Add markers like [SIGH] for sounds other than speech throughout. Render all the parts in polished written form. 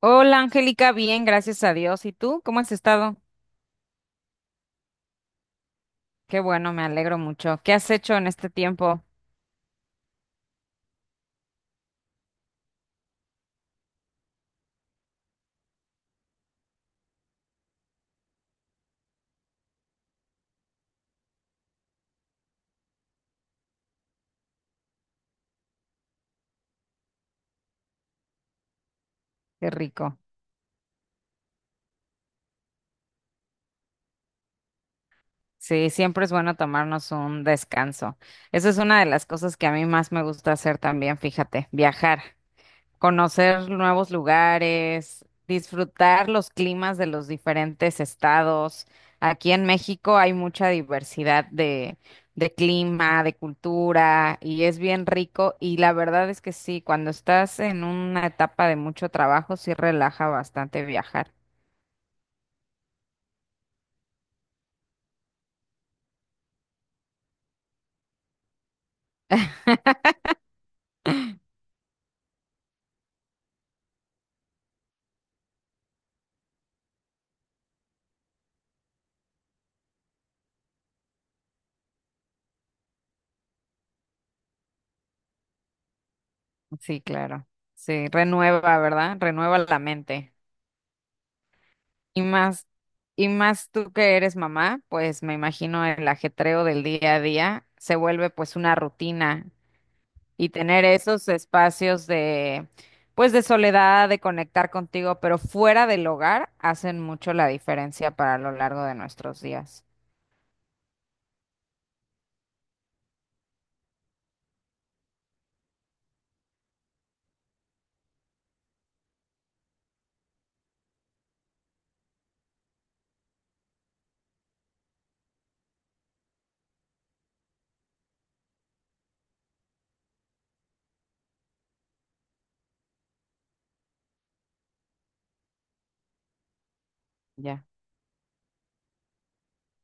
Hola Angélica, bien, gracias a Dios. ¿Y tú? ¿Cómo has estado? Qué bueno, me alegro mucho. ¿Qué has hecho en este tiempo? Qué rico. Sí, siempre es bueno tomarnos un descanso. Eso es una de las cosas que a mí más me gusta hacer también, fíjate, viajar. Conocer nuevos lugares, disfrutar los climas de los diferentes estados. Aquí en México hay mucha diversidad de clima, de cultura, y es bien rico. Y la verdad es que sí, cuando estás en una etapa de mucho trabajo, sí relaja bastante viajar. Sí, claro. Sí, renueva, ¿verdad? Renueva la mente. Y más, y más tú que eres mamá, pues me imagino el ajetreo del día a día se vuelve pues una rutina. Y tener esos espacios de, pues, de soledad, de conectar contigo, pero fuera del hogar, hacen mucho la diferencia para lo largo de nuestros días. Ya,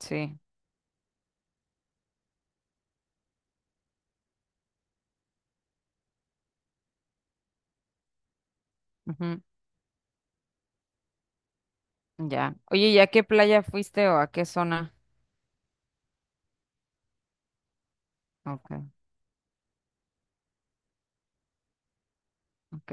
sí. Ujú. Ya. Oye, ¿y a qué playa fuiste o a qué zona? Ok, ok,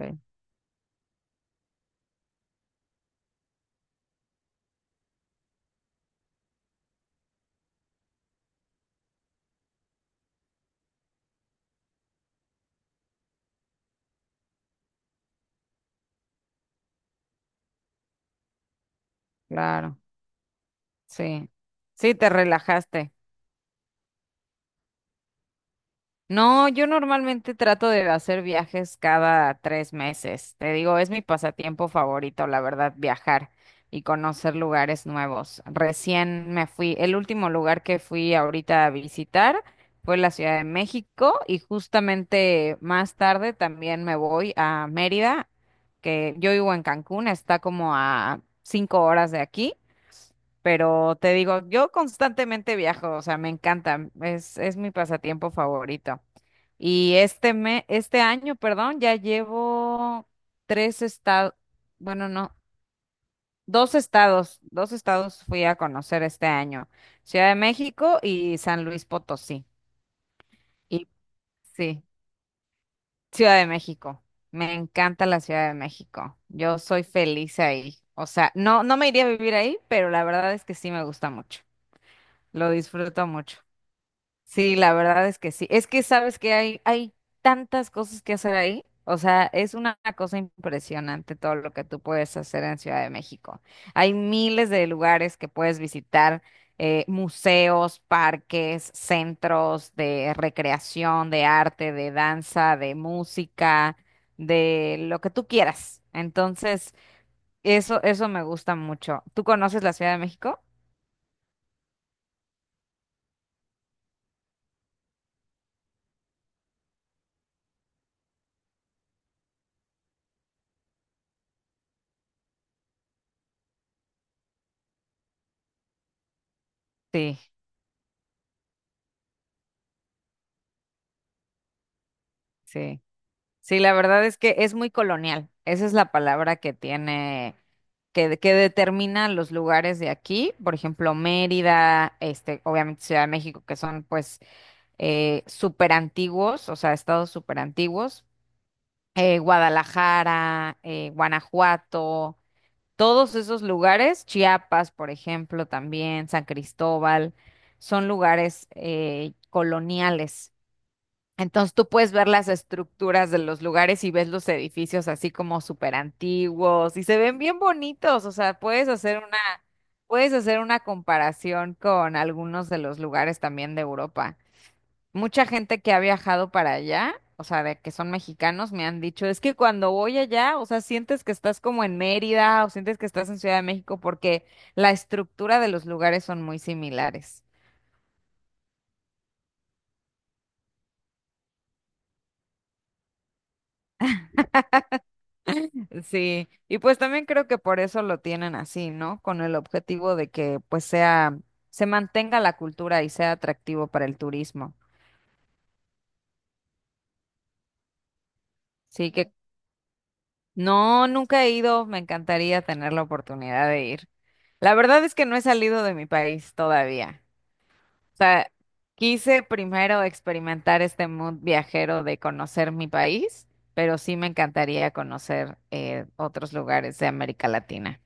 claro. Sí. Sí, te relajaste. No, yo normalmente trato de hacer viajes cada 3 meses. Te digo, es mi pasatiempo favorito, la verdad, viajar y conocer lugares nuevos. Recién me fui, el último lugar que fui ahorita a visitar fue la Ciudad de México y justamente más tarde también me voy a Mérida, que yo vivo en Cancún, está como a 5 horas de aquí. Pero te digo, yo constantemente viajo, o sea, me encanta, es mi pasatiempo favorito. Y este año, perdón, ya llevo tres estados, bueno, no, dos estados fui a conocer este año, Ciudad de México y San Luis Potosí. Y sí, Ciudad de México. Me encanta la Ciudad de México. Yo soy feliz ahí. O sea, no, no me iría a vivir ahí, pero la verdad es que sí me gusta mucho. Lo disfruto mucho. Sí, la verdad es que sí. Es que sabes que hay tantas cosas que hacer ahí. O sea, es una cosa impresionante todo lo que tú puedes hacer en Ciudad de México. Hay miles de lugares que puedes visitar, museos, parques, centros de recreación, de arte, de danza, de música, de lo que tú quieras. Entonces, eso me gusta mucho. ¿Tú conoces la Ciudad de México? Sí, sí. Sí, la verdad es que es muy colonial. Esa es la palabra que tiene, que determina los lugares de aquí. Por ejemplo, Mérida, este, obviamente Ciudad de México, que son pues súper antiguos, o sea, estados súper antiguos. Guadalajara, Guanajuato, todos esos lugares, Chiapas, por ejemplo, también, San Cristóbal, son lugares coloniales. Entonces tú puedes ver las estructuras de los lugares y ves los edificios así como súper antiguos y se ven bien bonitos, o sea, puedes hacer una comparación con algunos de los lugares también de Europa. Mucha gente que ha viajado para allá, o sea, de que son mexicanos, me han dicho, es que cuando voy allá, o sea, sientes que estás como en Mérida o sientes que estás en Ciudad de México porque la estructura de los lugares son muy similares. Sí, y pues también creo que por eso lo tienen así, ¿no? Con el objetivo de que pues sea, se mantenga la cultura y sea atractivo para el turismo. Sí, que no, nunca he ido, me encantaría tener la oportunidad de ir. La verdad es que no he salido de mi país todavía. O sea, quise primero experimentar este mood viajero de conocer mi país, pero sí me encantaría conocer otros lugares de América Latina.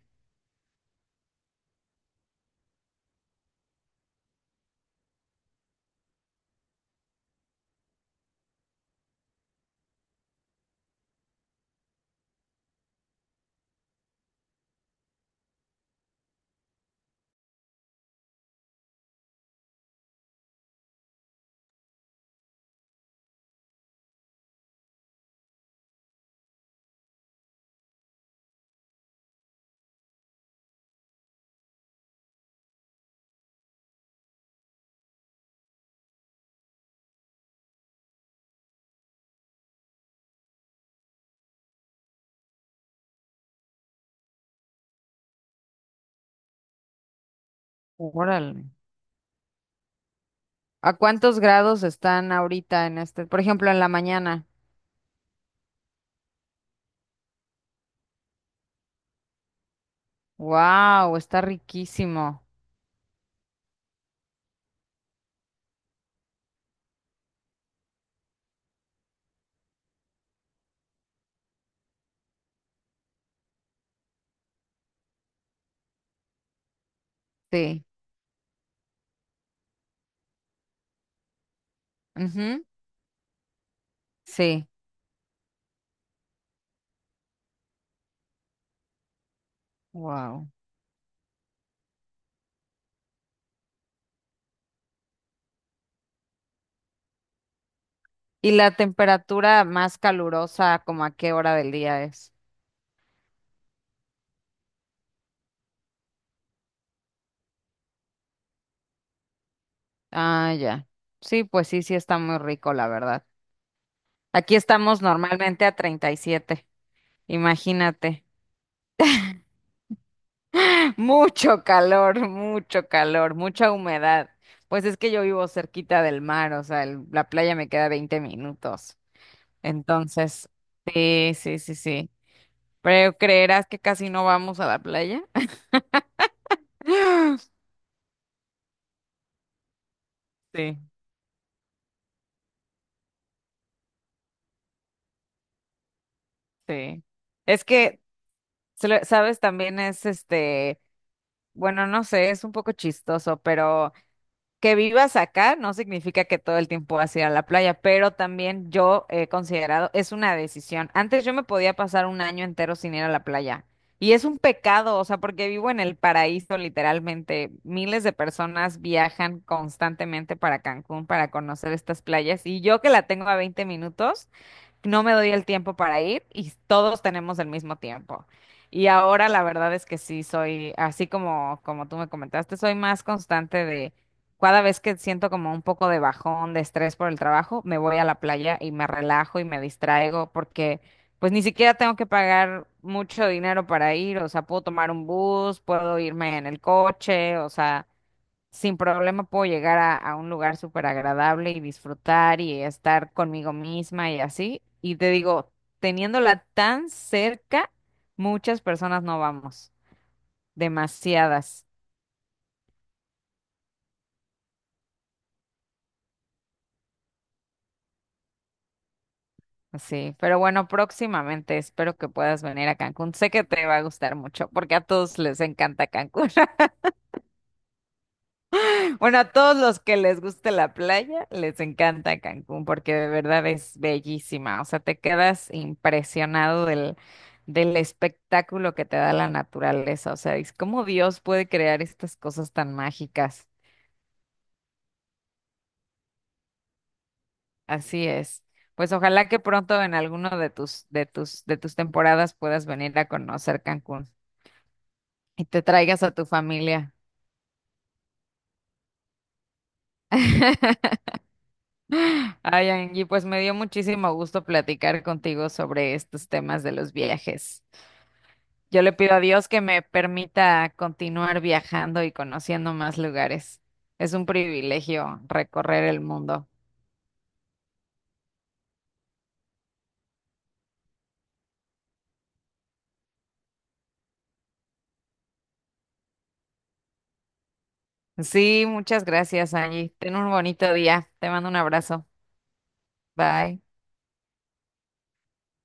Órale. ¿A cuántos grados están ahorita en este? Por ejemplo, en la mañana. Wow, está riquísimo. Sí. Ujú. Sí. Wow. ¿Y la temperatura más calurosa, como a qué hora del día es? Ah, ya. Sí, pues sí, sí está muy rico, la verdad. Aquí estamos normalmente a 37. Imagínate. [LAUGHS] Mucho calor, mucha humedad. Pues es que yo vivo cerquita del mar, o sea, la playa me queda 20 minutos. Entonces, sí, sí, sí, sí. Pero creerás que casi no vamos a la playa. [GASPS] [LAUGHS] Sí, sí. Es que, sabes, también es este, bueno, no sé, es un poco chistoso, pero que vivas acá no significa que todo el tiempo vas a ir a la playa, pero también yo he considerado, es una decisión. Antes yo me podía pasar un año entero sin ir a la playa. Y es un pecado, o sea, porque vivo en el paraíso literalmente. Miles de personas viajan constantemente para Cancún para conocer estas playas y yo que la tengo a 20 minutos no me doy el tiempo para ir y todos tenemos el mismo tiempo. Y ahora la verdad es que sí soy, así como, como tú me comentaste, soy más constante de cada vez que siento como un poco de bajón, de estrés por el trabajo, me voy a la playa y me relajo y me distraigo porque pues ni siquiera tengo que pagar mucho dinero para ir, o sea, puedo tomar un bus, puedo irme en el coche, o sea, sin problema puedo llegar a un lugar súper agradable y disfrutar y estar conmigo misma y así. Y te digo, teniéndola tan cerca, muchas personas no vamos, demasiadas, así. Pero bueno, próximamente espero que puedas venir a Cancún. Sé que te va a gustar mucho porque a todos les encanta Cancún. Bueno, a todos los que les guste la playa, les encanta Cancún porque de verdad es bellísima. O sea, te quedas impresionado del, del espectáculo que te da la naturaleza. O sea, es cómo Dios puede crear estas cosas tan mágicas. Así es. Pues ojalá que pronto en alguno de tus temporadas puedas venir a conocer Cancún y te traigas a tu familia. [LAUGHS] Ay, Angie, pues me dio muchísimo gusto platicar contigo sobre estos temas de los viajes. Yo le pido a Dios que me permita continuar viajando y conociendo más lugares. Es un privilegio recorrer el mundo. Sí, muchas gracias, Angie. Ten un bonito día. Te mando un abrazo. Bye.